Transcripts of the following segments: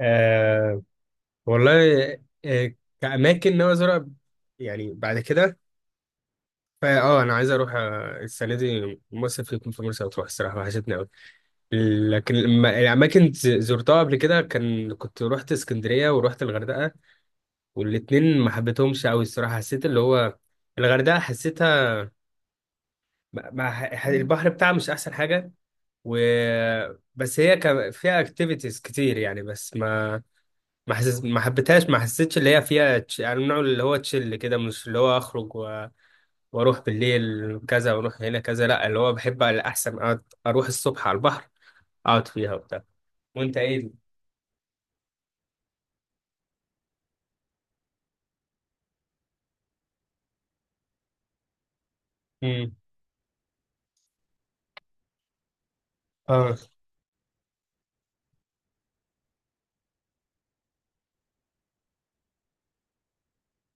آه. والله. آه. كأماكن ناوي أزورها يعني بعد كده. فا أنا عايز أروح، السنة دي مصيف يكون في مرسى مطروح، الصراحة وحشتني أوي. لكن الأماكن زرتها قبل كده، كان كنت روحت اسكندرية وروحت الغردقة. والاتنين ما حبيتهمش أوي الصراحة، حسيت اللي هو الغردقة حسيتها، البحر بتاعها مش أحسن حاجة. و، بس هي كان فيها اكتيفيتيز كتير يعني، بس ما حبيتهاش، ما حسيتش اللي هي فيها يعني النوع اللي هو تشيل كده، مش اللي هو اخرج و... واروح بالليل كذا واروح هنا كذا. لا اللي هو بحب على احسن اقعد اروح الصبح على البحر، اقعد فيها وبتاع. وانت ايه؟ امم. اه،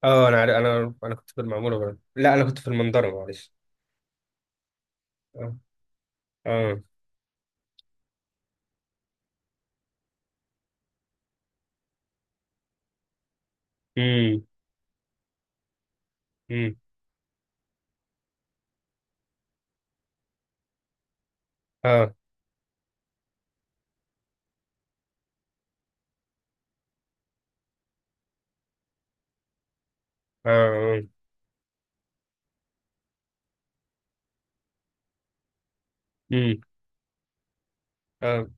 اه، انا عارف- انا انا كنت في المعموره برضه. لا، انا كنت في المنظره، معلش. اه، اه، امم، امم، اه، اه، امم، اه،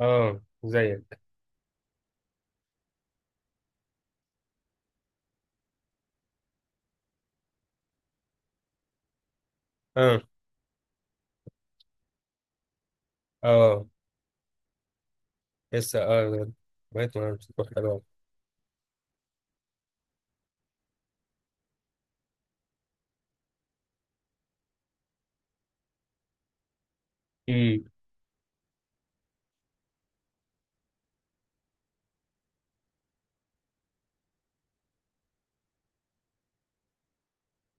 اه، زيك. اه، اه، لسه اه بقيت ما بتروح حلوه. امم،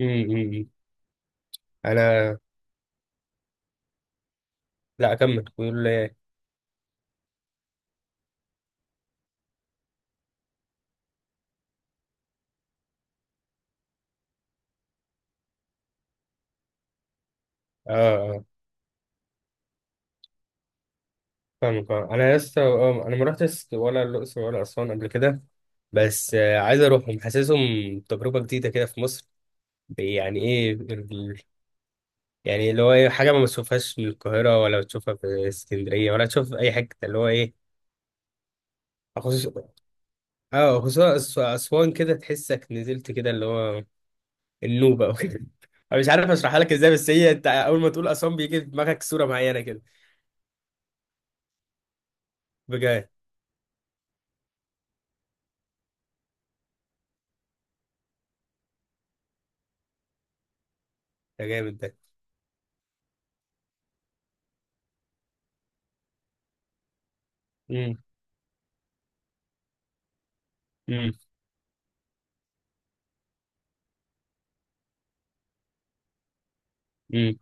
امم، أمم. انا، لا اكمل، بيقول لي ايه؟ اه، آه، فاهمك، آه. انا لسه، انا ما رحتش ولا الاقصر ولا اسوان قبل كده، بس عايز اروحهم، حاسسهم تجربه جديده كده في مصر. يعني ايه يعني اللي هو ايه حاجه ما بتشوفهاش من القاهره، ولا بتشوفها في اسكندريه، ولا تشوف في اي حته، اللي هو ايه؟ خصوص اه، خصوصا اسوان، كده تحسك نزلت، كده اللي هو النوبه او كده. أنا مش عارف اشرحها لك ازاي، بس هي انت اول ما تقول اسوان بيجي في دماغك صوره معينه كده. بجد؟ ده جامد ده. امم، إمم، إمم.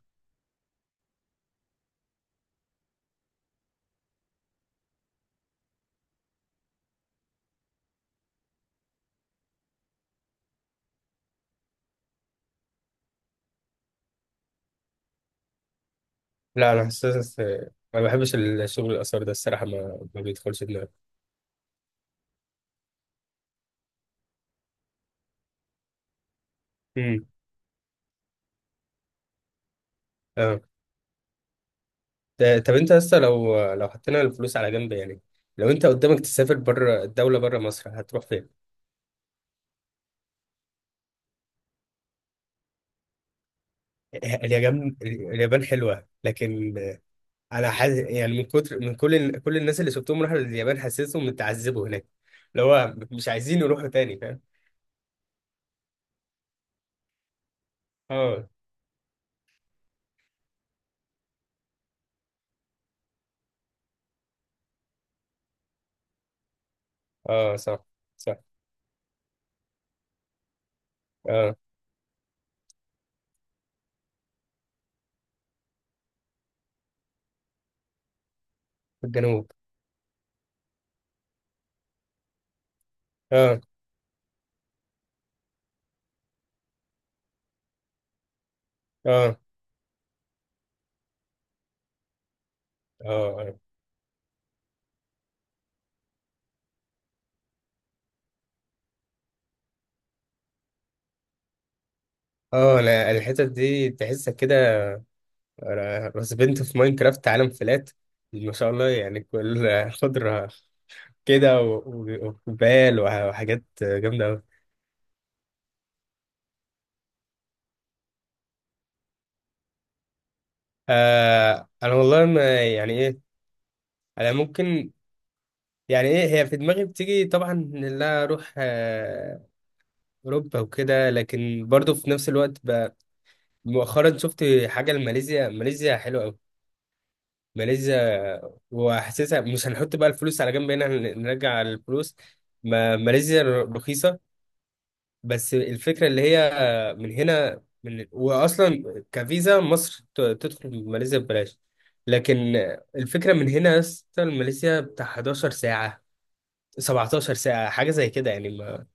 لا، انا حاسس ما بحبش الشغل الاثار ده الصراحه، ما بيدخلش دماغي. امم. اه. طب انت لسه لو حطينا الفلوس على جنب يعني، لو انت قدامك تسافر بره الدوله، بره مصر، هتروح فين؟ اليابان. اليابان حلوه، لكن انا حاسس يعني من كتر من كل كل الناس اللي شفتهم راحوا اليابان حاسسهم متعذبوا هناك، اللي هو مش عايزين يروحوا تاني، فاهم؟ اه، اه، صح، صح، اه. الجنوب. اه، اه، اه، اه، اه. انا الحتت دي تحسك كده، انا رسبنت في ماينكرافت عالم فلات، ما شاء الله، يعني كل خضرة كده، وجبال وحاجات جامدة أوي. آه. أنا والله ما يعني إيه، أنا ممكن، يعني إيه، هي في دماغي بتيجي طبعا إن لا أروح أوروبا وكده، لكن برضو في نفس الوقت مؤخرا شفت حاجة لماليزيا. ماليزيا حلوة أوي، ماليزيا. وحاسسها مش هنحط بقى الفلوس على جنب هنا، نرجع الفلوس. ماليزيا رخيصة. بس الفكرة اللي هي من هنا، من، وأصلا كفيزا مصر تدخل ماليزيا ببلاش. لكن الفكرة من هنا يا اسطى ماليزيا بتاع 11 ساعة، 17 ساعة، حاجة زي كده يعني،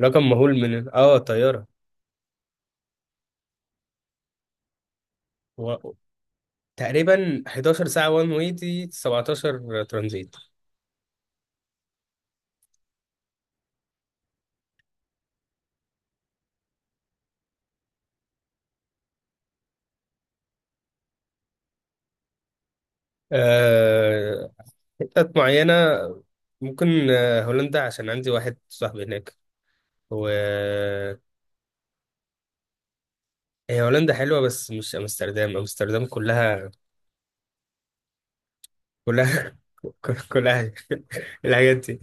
رقم مهول من طيارة. و... تقريبا 11 ساعة وان واي، دي 17 ترانزيت. آه... حتت معينة ممكن، هولندا عشان عندي واحد صاحبي هناك. و، هي هولندا حلوة بس مش أمستردام، أمستردام كلها، كلها، كل حاجة. الحاجات دي،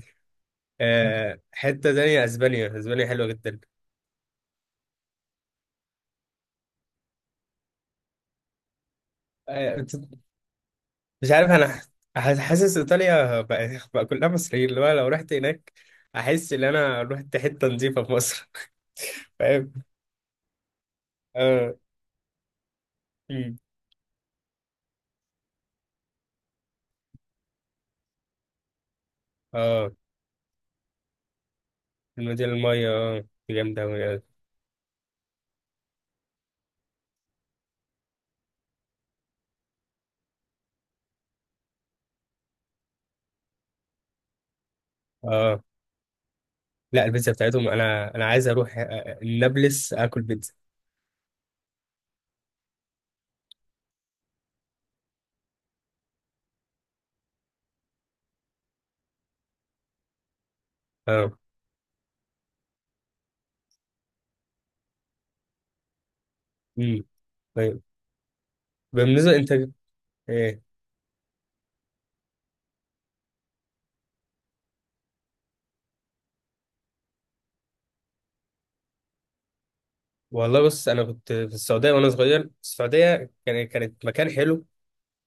حتة تانية اسبانيا، اسبانيا حلوة جدا. آه، مش عارف انا حاسس ايطاليا بقى كلها مصريين، اللي هو لو رحت هناك احس ان انا رحت حتة نظيفة في مصر. فاهم. اه، أمم. اه، المدينة المية، اه، دي جامدة أوي. اه، آه. لا، البيتزا بتاعتهم انا عايز اروح، نابلس اكل بيتزا. اه، أمم. طيب، بالنسبة انت ايه؟ والله بص انا كنت في السعوديه وانا صغير، السعوديه كان كانت مكان حلو،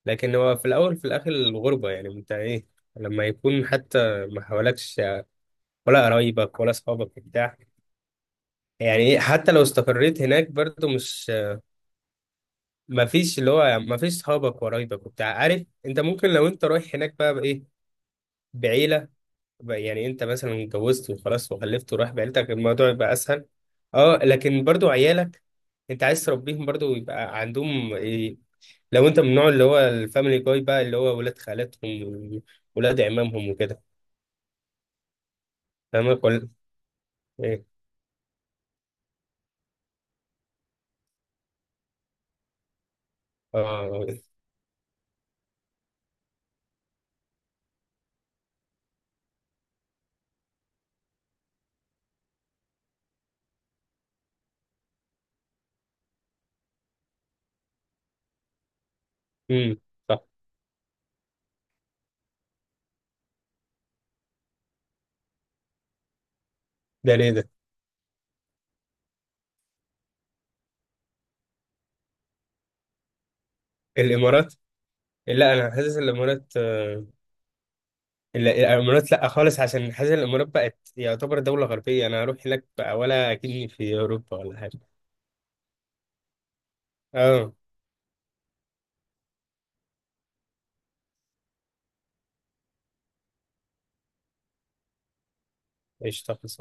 لكن هو في الاول في الاخر الغربه يعني، انت ايه؟ لما يكون حتى ما حوالكش ولا قرايبك ولا اصحابك بتاع، يعني ايه، حتى لو استقريت هناك برضو مش، ما فيش اللي هو يعني ما فيش صحابك وقرايبك وبتاع، عارف؟ انت ممكن، لو انت رايح هناك بقى بايه، بعيله بقى، يعني انت مثلا اتجوزت وخلاص وخلفت ورايح بعيلتك الموضوع يبقى اسهل. اه، لكن برضو عيالك انت عايز تربيهم برضو يبقى عندهم إيه، لو انت من النوع اللي هو الفاميلي جاي بقى اللي هو ولاد خالاتهم وولاد عمامهم وكده، فاهمك ولا ايه؟ اه، امم، صح. ده ليه ده؟ الامارات. لا، انا حاسس الامارات، لا، الامارات لا خالص عشان حاسس الامارات بقت يعتبر دولة غربية، انا هروح هناك بقى ولا اكني في اوروبا ولا حاجة. اه، ايش تخلص.